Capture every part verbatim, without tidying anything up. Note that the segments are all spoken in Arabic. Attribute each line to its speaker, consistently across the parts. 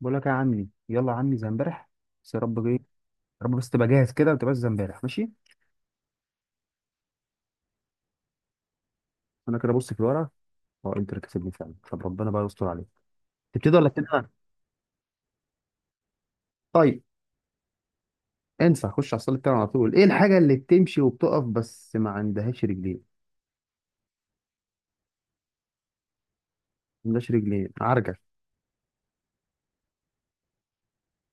Speaker 1: بقول لك يا عمي، يلا يا عمي زي امبارح. بس يا رب، جاي يا رب بس تبقى جاهز كده وتبقى زي امبارح، ماشي. انا كده بص في الورقه. اه انتر كسبني فعلا، طب ربنا بقى يستر عليك. تبتدي ولا ابتدي انا؟ طيب، انسى، خش على الصليب بتاعنا على طول. ايه الحاجه اللي بتمشي وبتقف بس ما عندهاش رجلين؟ ما عندهاش رجلين، عرجل.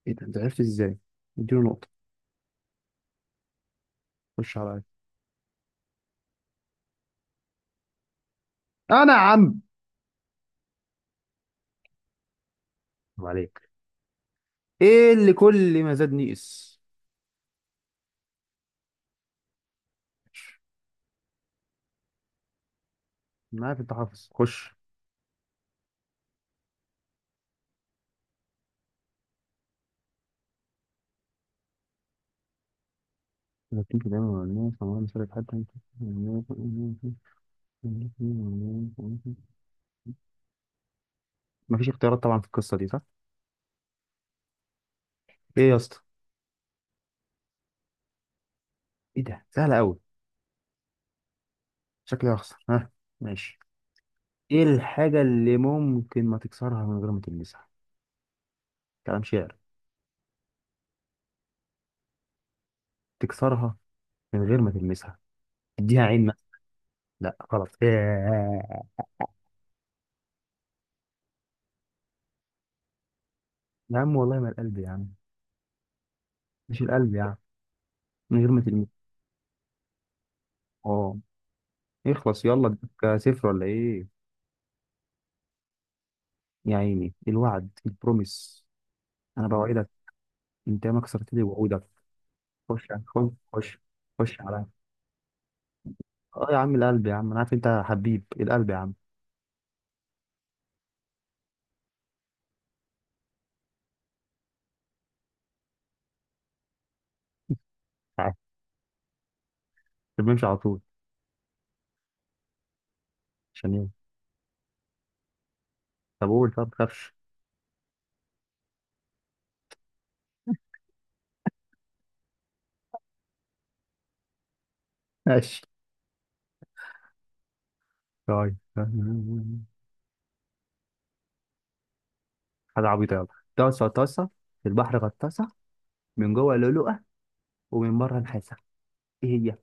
Speaker 1: ايه ده، انت عرفت ازاي؟ اديله نقطه. خش عليا. انا يا عم. طب عليك. ايه اللي كل ما زاد نقص؟ انا عارف انت حافظ، خش. إذا كنت دايما مع الناس، أمرها مسألة حد. مفيش اختيارات طبعا في القصة دي صح؟ ايه يا اسطى؟ ايه ده؟ سهلة أوي. شكلي هخسر ها. ماشي. ايه الحاجة اللي ممكن ما تكسرها من غير ما تلمسها؟ كلام، شعر، تكسرها من غير ما تلمسها. اديها عين مثلا. لا غلط. إيه. يا عم والله ما القلب يا عم. مش القلب يا عم، من غير ما تلمسها. اه. اخلص يلا، اديك صفر ولا ايه؟ يا عيني الوعد البروميس. انا بوعدك. انت ما كسرت لي وعودك. خش خش خش. خش عليا. اه يا عم القلب يا عم، انا عارف انت حبيب إيه، القلب يا عم. عارف، بنمشي على طول. عشان ايه؟ طب قول، طب ما تخافش. ماشي. طيب، حاجة عبيطة يلا. طاسة طاسة في البحر غطاسة، من جوه لؤلؤة ومن بره نحاسة، ايه هي؟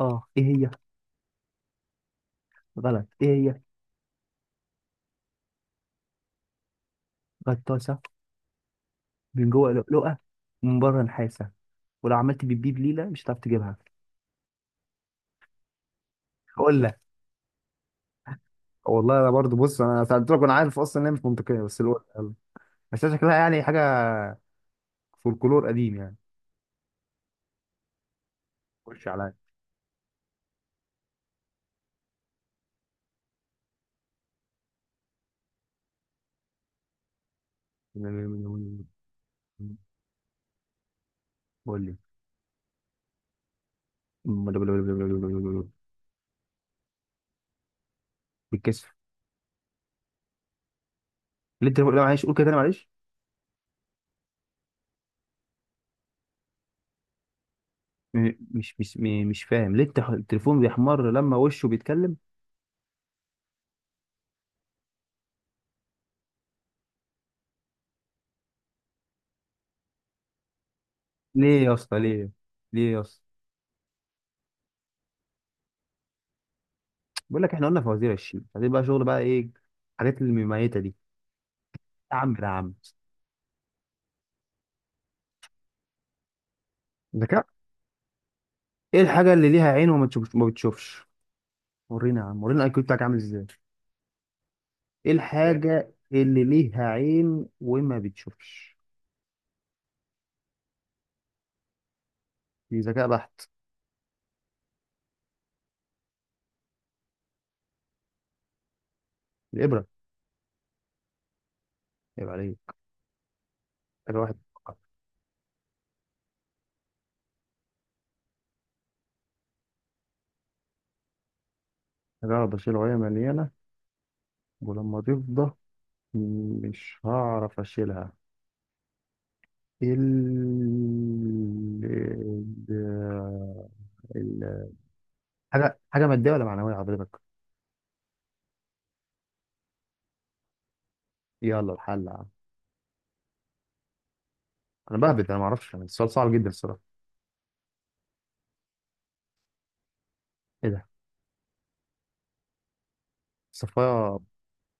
Speaker 1: اه ايه هي؟ غلط، ايه هي؟ غطاسة من جوه لؤلؤة ومن بره نحاسة، ولو عملت بيبيب ليلة مش هتعرف تجيبها. اقول لك. والله انا برضو، بص، انا سالت لك وانا عارف اصلا ان هي مش منطقيه، بس الوقت، بس شكلها يعني حاجه فولكلور قديم يعني. خش عليا. قول لي. بالكسف. ليه التليفون، لا معلش قول كده تاني، معلش. م- مش مش م- مش فاهم، ليه التح- التليفون بيحمر لما وشه بيتكلم؟ ليه يا اسطى، ليه؟ ليه يا اسطى؟ بقول لك احنا قلنا فوازير الشيء، عايزين بقى شغل بقى، ايه الحاجات المميتة دي؟ يا عم يا عم، ذكاء. ايه الحاجة اللي ليها عين وما تشوفش، ما بتشوفش؟ ورينا يا عم، ورينا الاي كيو بتاعك عامل ازاي. ايه الحاجة اللي ليها عين وما بتشوفش؟ دي ذكاء بحت. الإبرة. يبقى عليك. حاجة واحد. حاجة واحد بشيل وهي مليانة، ولما تفضى مش هعرف اشيلها. ال ال ال- حاجه حاجه ماديه ولا معنويه حضرتك؟ يلا الحل يا عم. انا بهبد، انا ما اعرفش يعني، السؤال صعب جدا الصراحه. ايه ده؟ صفايا.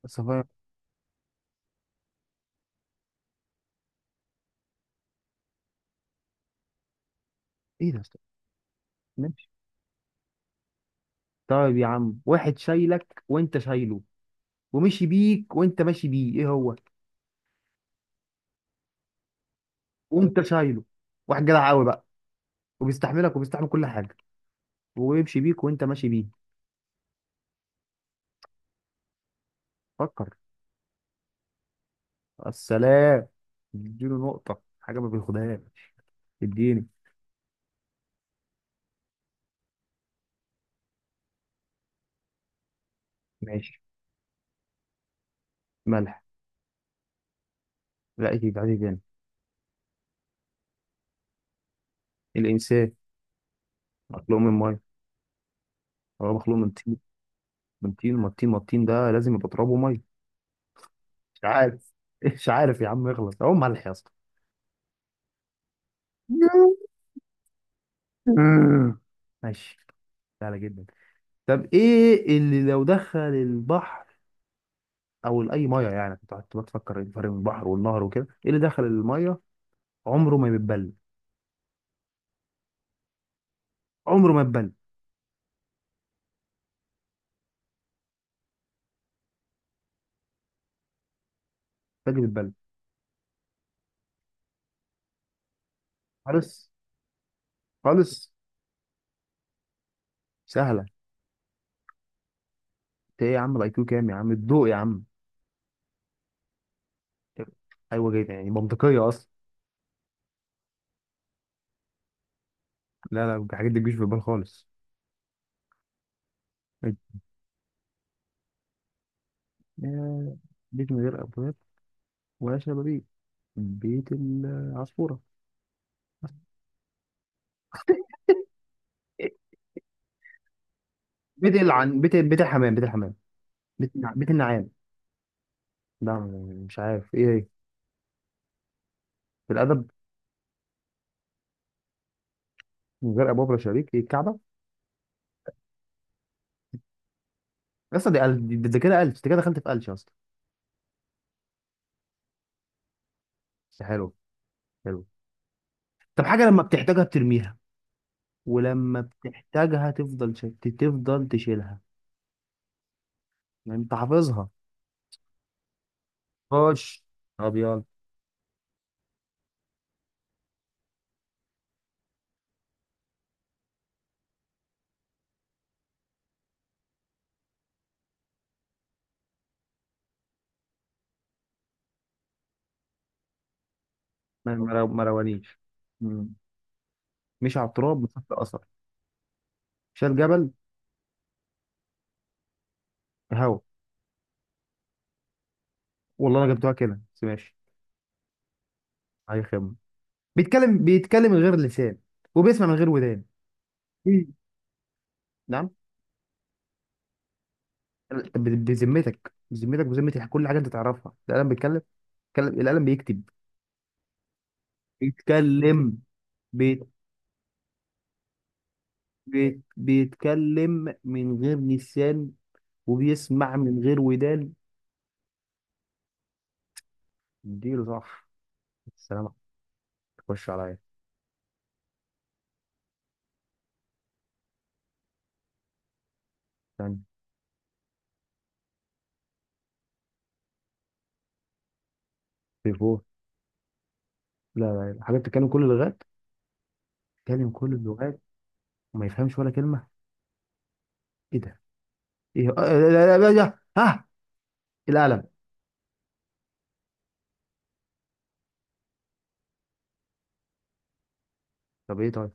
Speaker 1: صفايا. ايه ده؟ ماشي. طيب يا عم، واحد شايلك وانت شايله، ومشي بيك وانت ماشي بيه، ايه هو؟ وانت شايله، واحد جدع قوي بقى، وبيستحملك وبيستحمل كل حاجه، ويمشي بيك وانت ماشي بيه. فكر. السلام. اديله نقطة. حاجة ما بياخدهاش. اديني. ماشي. ملح. لا، ايه عادي تاني. الإنسان مخلوق من مية، هو مخلوق من طين، من طين، ما الطين، ما الطين ده لازم يبقى ترابه مية. مش عارف. مش عارف يا عم، اغلط، هو ملح يا اسطى. ماشي. سهلة جدا. طب ايه اللي لو دخل البحر او اي ميه يعني، كنت قعدت بتفكر إيه الفرق بين البحر والنهر وكده، ايه اللي دخل الميه عمره ما بيتبل؟ عمره ما يتبل. باجي بيتبل خالص، خالص. سهله. انت ايه يا عم، الاي كيو كام يا عم؟ الضوء يا عم. ايوه جدا، يعني منطقيه اصلا. لا لا، الحاجات دي مش في البال خالص. آه، بيت من غير ابواب ولا شبابيك. بيت العصفوره. بيت العن بيت بيت الحمام، بيت الحمام، بيت, النع- بيت النعام. لا، مش عارف ايه هي. في الادب. من غير ابواب ولا شبابيك، ايه الكعبه؟ اصلا دي ألف، دي- ده كده ألف، انت كده دخلت في ألف اصلا. بس حلو، حلو. طب حاجه لما بتحتاجها بترميها، ولما بتحتاجها تفضل شت... تفضل تشيلها. يعني انت حافظها. خش. ابيض. ما ما- ما روانيش. مم. مشي على التراب مسافه اثر، شال جبل. هوا. والله انا جبتها كده بس، ماشي. اي خدمه. بيتكلم، بيتكلم من غير لسان، وبيسمع من غير ودان. مم. نعم. ب- بذمتك، بذمتك، بذمتي كل حاجه انت تعرفها. القلم بيتكلم؟ بيتكلم- القلم بيكتب. بيتكلم. بيت بيت بيتكلم من غير لسان، وبيسمع من غير ودان. اديله صح. السلام عليكم. خش عليا. استنى. في فور. لا لا لا. حاجه بتتكلم كل اللغات، بتتكلم كل اللغات وما يفهمش ولا كلمه. ايه ده؟ ايه؟ آه، لا لا لا لا ها، إيه، القلم. طب ايه؟ طيب،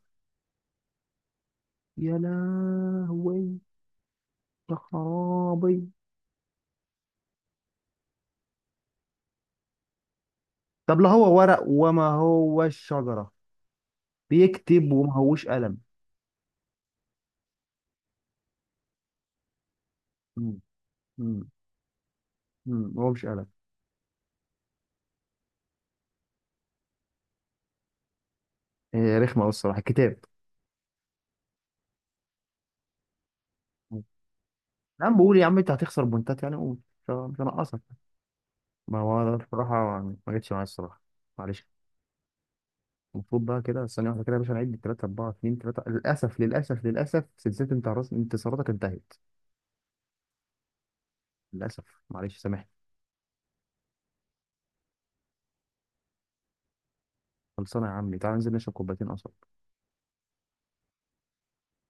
Speaker 1: يا لهوي يا خرابي. طب لا، هو ورق وما هو الشجره، بيكتب وما هوش قلم. مم، مم، مم، هو مش قلم. إيه رخمه قوي الصراحه. كتاب. مم. انا بقول يا عم انت هتخسر بوينتات يعني، قول، مش مش هنقصك. ما هو أنا بصراحه ما جتش معايا الصراحه، معلش. المفروض بقى كده، ثانية واحدة كده يا باشا، نعد تلاتة اربعة اتنين تلاتة. للأسف، للأسف، للأسف، سلسلة انت انتصاراتك انتهت. للأسف، معلش سامحني. خلصانة يا عمي، تعال ننزل نشرب كوبايتين قصب.